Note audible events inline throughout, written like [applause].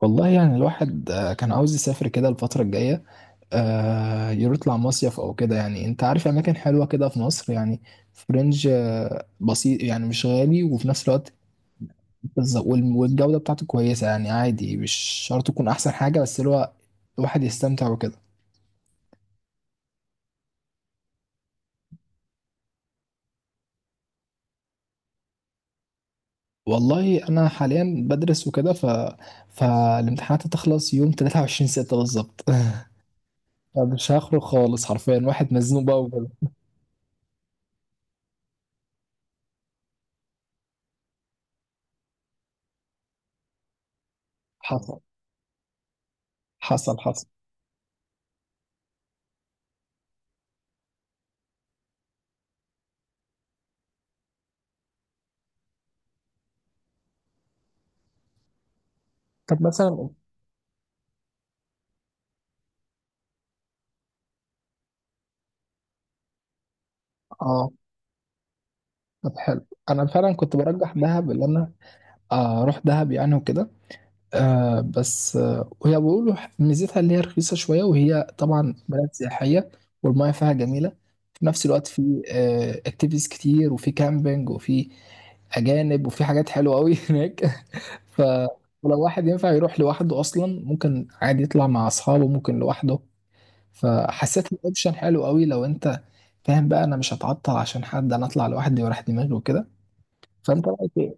والله يعني الواحد كان عاوز يسافر كده الفترة الجاية. يطلع مصيف أو كده. يعني أنت عارف أماكن حلوة كده في مصر يعني، في رينج بسيط، يعني مش غالي وفي نفس الوقت والجودة بتاعته كويسة، يعني عادي، مش شرط تكون أحسن حاجة، بس اللي هو الواحد يستمتع وكده. والله أنا حاليا بدرس وكده فالامتحانات هتخلص يوم 23 ستة بالظبط [laughs] مش هخرج خالص، حرفيا واحد مزنوق بقى وكده. حصل، حصل. طب مثلا اه. طب حلو، انا فعلا كنت برجح دهب اللي انا، اروح دهب يعني وكده. آه بس آه، وهي بيقولوا ميزتها اللي هي رخيصه شويه، وهي طبعا بلد سياحيه والمياه فيها جميله. في نفس الوقت في اكتيفيتيز كتير، وفي كامبينج، وفي اجانب، وفي حاجات حلوه قوي [laughs] هناك. ف ولو واحد ينفع يروح لوحده اصلا، ممكن عادي يطلع مع اصحابه، ممكن لوحده. فحسيت الاوبشن حلو قوي لو انت فاهم بقى. انا مش هتعطل عشان حد، انا اطلع لوحدي وراح دماغي وكده. فانت رايك إيه؟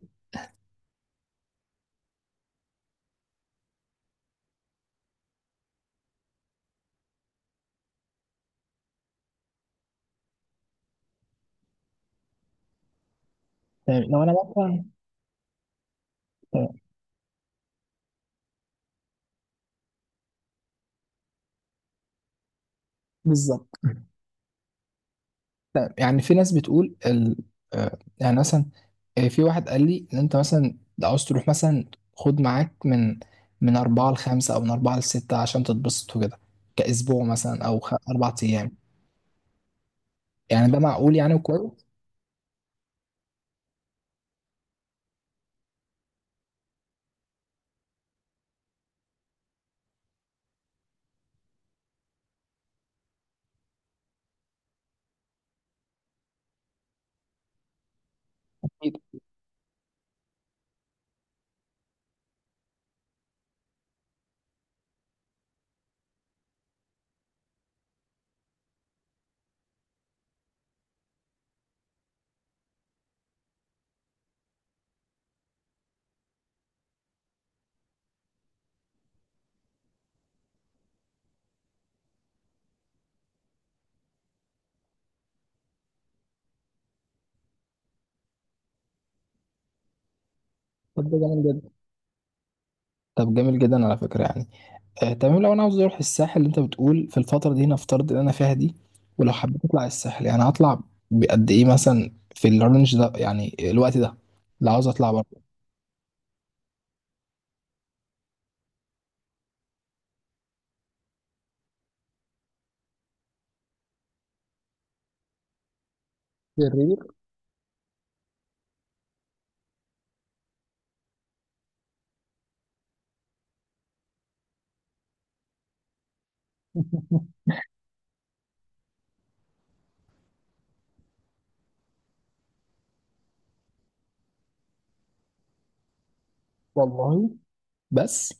تمام. لو انا مثلا تمام. بالظبط. يعني في ناس بتقول ال... آه، يعني مثلا في واحد قال لي ان انت مثلا لو عاوز تروح مثلا، خد معاك من من أربعة لخمسة أو من أربعة لستة عشان تتبسط وكده، كأسبوع مثلا أربع أيام يعني. ده معقول يعني وكويس. أكيد. طب ده جميل جدا. طب جميل جدا على فكرة يعني. تمام. لو انا عاوز اروح الساحل اللي انت بتقول في الفتره دي، نفترض ان انا فيها دي ولو حبيت اطلع الساحل، يعني هطلع بقد ايه مثلا في الرينج ده يعني الوقت ده، لو عاوز اطلع بره. شرير [laughs] والله بس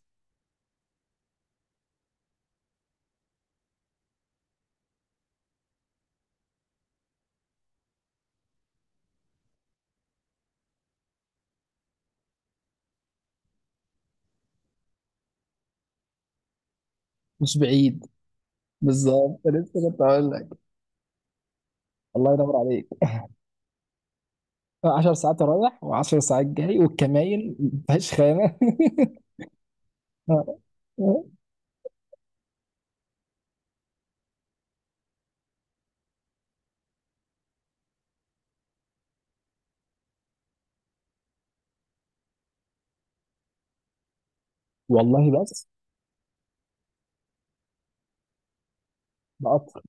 مش بعيد. بالظبط، لسه كنت هقول لك. الله ينور عليك [laughs] 10 ساعات رايح و10 ساعات جاي، والكماين مفيهاش خانه [laughs] آه، آه. والله بس بقطر.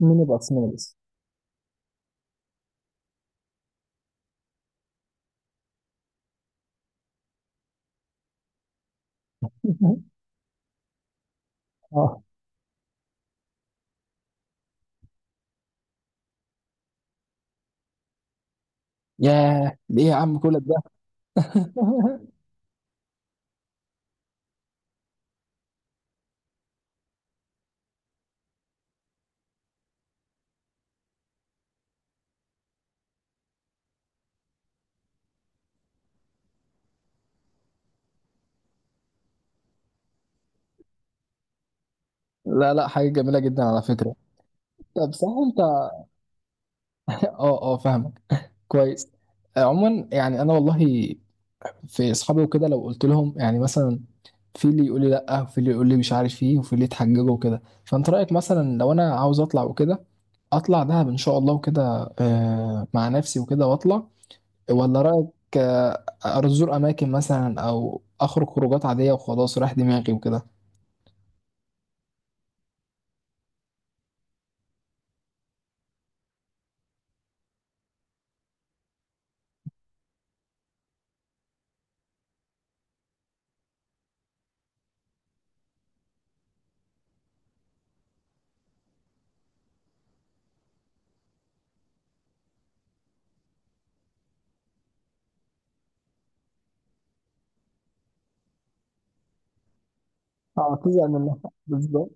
ميني بس. [laughs] اه. ياه، ليه يا عم كل ده؟ [laughs] لا لا، حاجة جميلة جدا على فكرة. طب صح انت. [laughs] اه اه، فاهمك. كويس. عموما يعني انا والله، في اصحابي وكده لو قلت لهم يعني مثلا، في اللي يقول لي لا، وفي اللي يقول لي مش عارف ايه، وفي اللي يتحججوا وكده. فانت رأيك مثلا لو انا عاوز اطلع وكده، اطلع دهب ان شاء الله وكده، مع نفسي وكده واطلع؟ ولا رأيك ازور اماكن مثلا او اخرج خروجات عادية وخلاص رايح دماغي وكده؟ اه تزعل منها. بالظبط.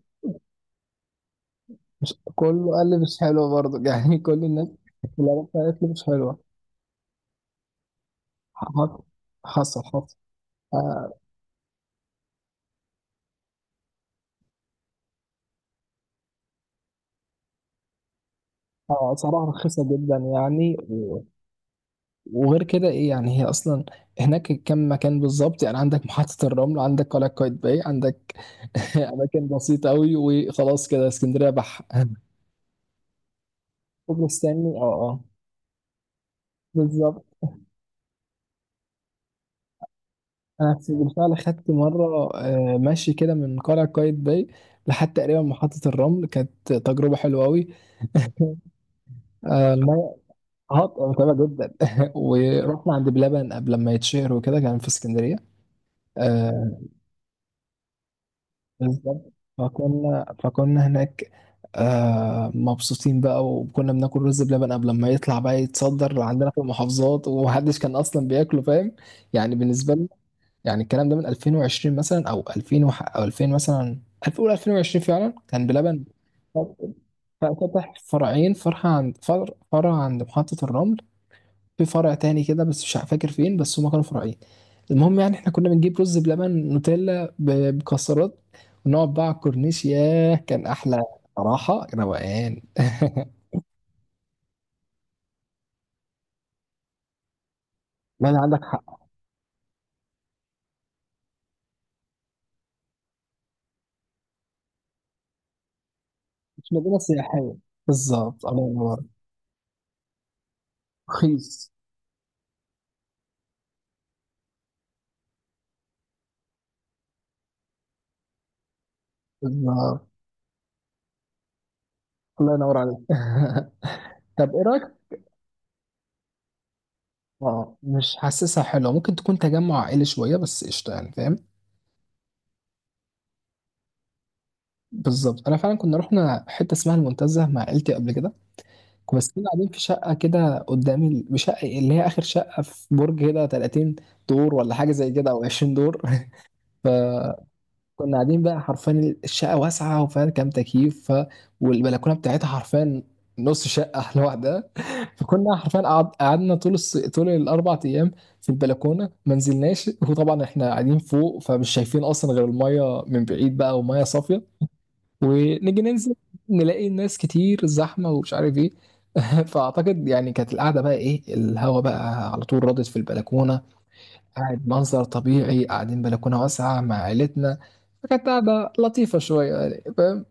مش كله قال لي مش حلوة برضه [laughs] يعني. كل الناس اللي عرفتها قالت لي مش حلوة. حصل، حصل. آه. صراحة رخيصة جدا يعني وغير كده ايه يعني؟ هي اصلا هناك كم مكان بالظبط يعني، عندك محطة الرمل، عندك قلعة قايتباي، عندك [laughs] اماكن بسيطة قوي. وخلاص كده اسكندرية بح [laughs] كوبري ستانلي، اه اه. بالظبط. بالفعل خدت مرة ماشي كده من قلعة قايتباي لحد تقريبا محطة الرمل. كانت تجربة حلوة قوي. اه، متابع جدا [laughs] ورحنا عند بلبن قبل ما يتشهر وكده، كان في اسكندريه. آه، بالظبط. فكنا هناك آه مبسوطين بقى، وكنا بناكل رز بلبن قبل ما يطلع بقى يتصدر عندنا في المحافظات، ومحدش كان اصلا بياكله، فاهم يعني، بالنسبه لنا يعني. الكلام ده من 2020 مثلا، او 2000 مثلا. 2000 قول 2020 فعلا، كان بلبن فتح فرعين، فرع عند فرع، فرع عند محطه الرمل، في فرع تاني كده بس مش فاكر فين، بس هما كانوا فرعين. المهم يعني احنا كنا بنجيب رز بلبن نوتيلا بمكسرات، ونقعد بقى على الكورنيش. ياه كان احلى. صراحة روقان [laughs] لا لا، عندك حق. مش مدينة سياحية. بالظبط الله ينور. رخيص. بالظبط الله ينور عليك [laughs] طب ايه رايك؟ اه، مش حاسسها حلوه. ممكن تكون تجمع عائلي شويه، بس قشطه يعني فاهم. بالظبط. انا فعلا كنا رحنا حته اسمها المنتزه مع عيلتي قبل كده، بس كنا قاعدين في شقة كده قدام شقة اللي هي آخر شقة في برج كده، 30 دور ولا حاجة زي كده أو 20 دور [laughs] فكنا قاعدين بقى حرفيا، الشقة واسعة وفيها كام تكييف والبلكونة بتاعتها حرفيا نص شقة [laughs] لوحدها. فكنا حرفيا قعدنا طول طول الأربع أيام في البلكونة، ما نزلناش. وطبعا احنا قاعدين فوق، فمش شايفين أصلا غير المية من بعيد بقى، ومية صافية. ونيجي ننزل نلاقي ناس كتير زحمه ومش عارف ايه [laughs] فاعتقد يعني كانت القعده بقى ايه، الهوا بقى على طول رادد في البلكونه، قاعد منظر طبيعي، قاعدين بلكونه واسعه مع عيلتنا. فكانت قاعده لطيفه شويه يعني فاهم.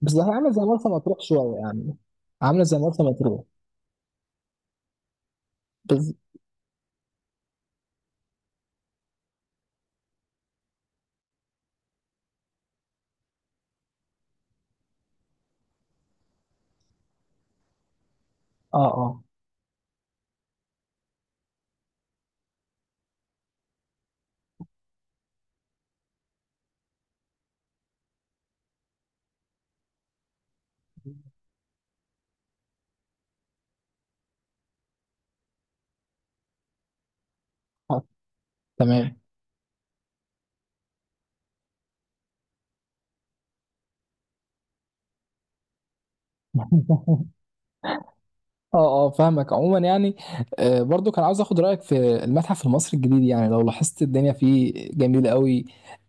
بس هي عامله زي مرسى مطروح شويه يعني، عامله زي مرسى مطروح. بس اه اه. آه، تمام. [laughs] اه اه، فاهمك. عموما يعني برضو كان عاوز اخد رايك في المتحف المصري الجديد. يعني لو لاحظت الدنيا فيه جميله قوي.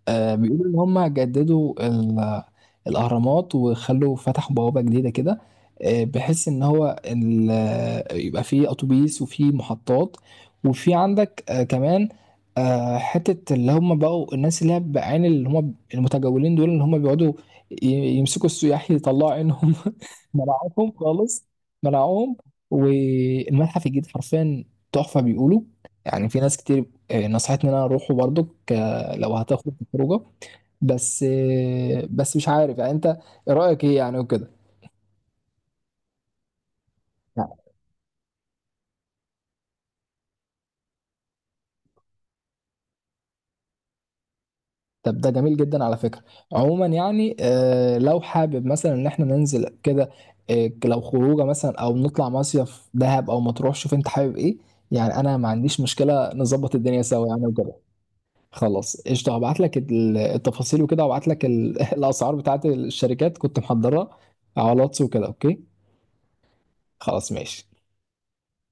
بيقولوا ان هم جددوا الاهرامات وخلوا فتحوا بوابه جديده كده، بحيث ان هو ال- آه، يبقى فيه اتوبيس وفيه محطات، وفي عندك كمان حته اللي هم بقوا الناس اللي هي بعين اللي هم المتجولين دول، اللي هم بيقعدوا ي- يمسكوا السياح يطلعوا عينهم [laughs] ملاعبهم خالص، منعوهم. والمتحف الجديد حرفيا تحفة بيقولوا. يعني في ناس كتير نصحتني ان انا اروحه برضو لو هتاخد خروجه. بس بس مش عارف يعني انت إيه رأيك ايه يعني وكده. لا. طب ده جميل جدا على فكرة. عموما يعني لو حابب مثلا ان احنا ننزل كده، لو خروجه مثلا او نطلع مصيف دهب او مطروح، شوف انت حابب ايه. يعني انا ما عنديش مشكلة، نظبط الدنيا سوا يعني وكده. خلاص قشطة. هبعت لك التفاصيل وكده، هبعت لك [laughs] الأسعار بتاعت الشركات كنت محضرها على الواتس وكده. أوكي خلاص ماشي.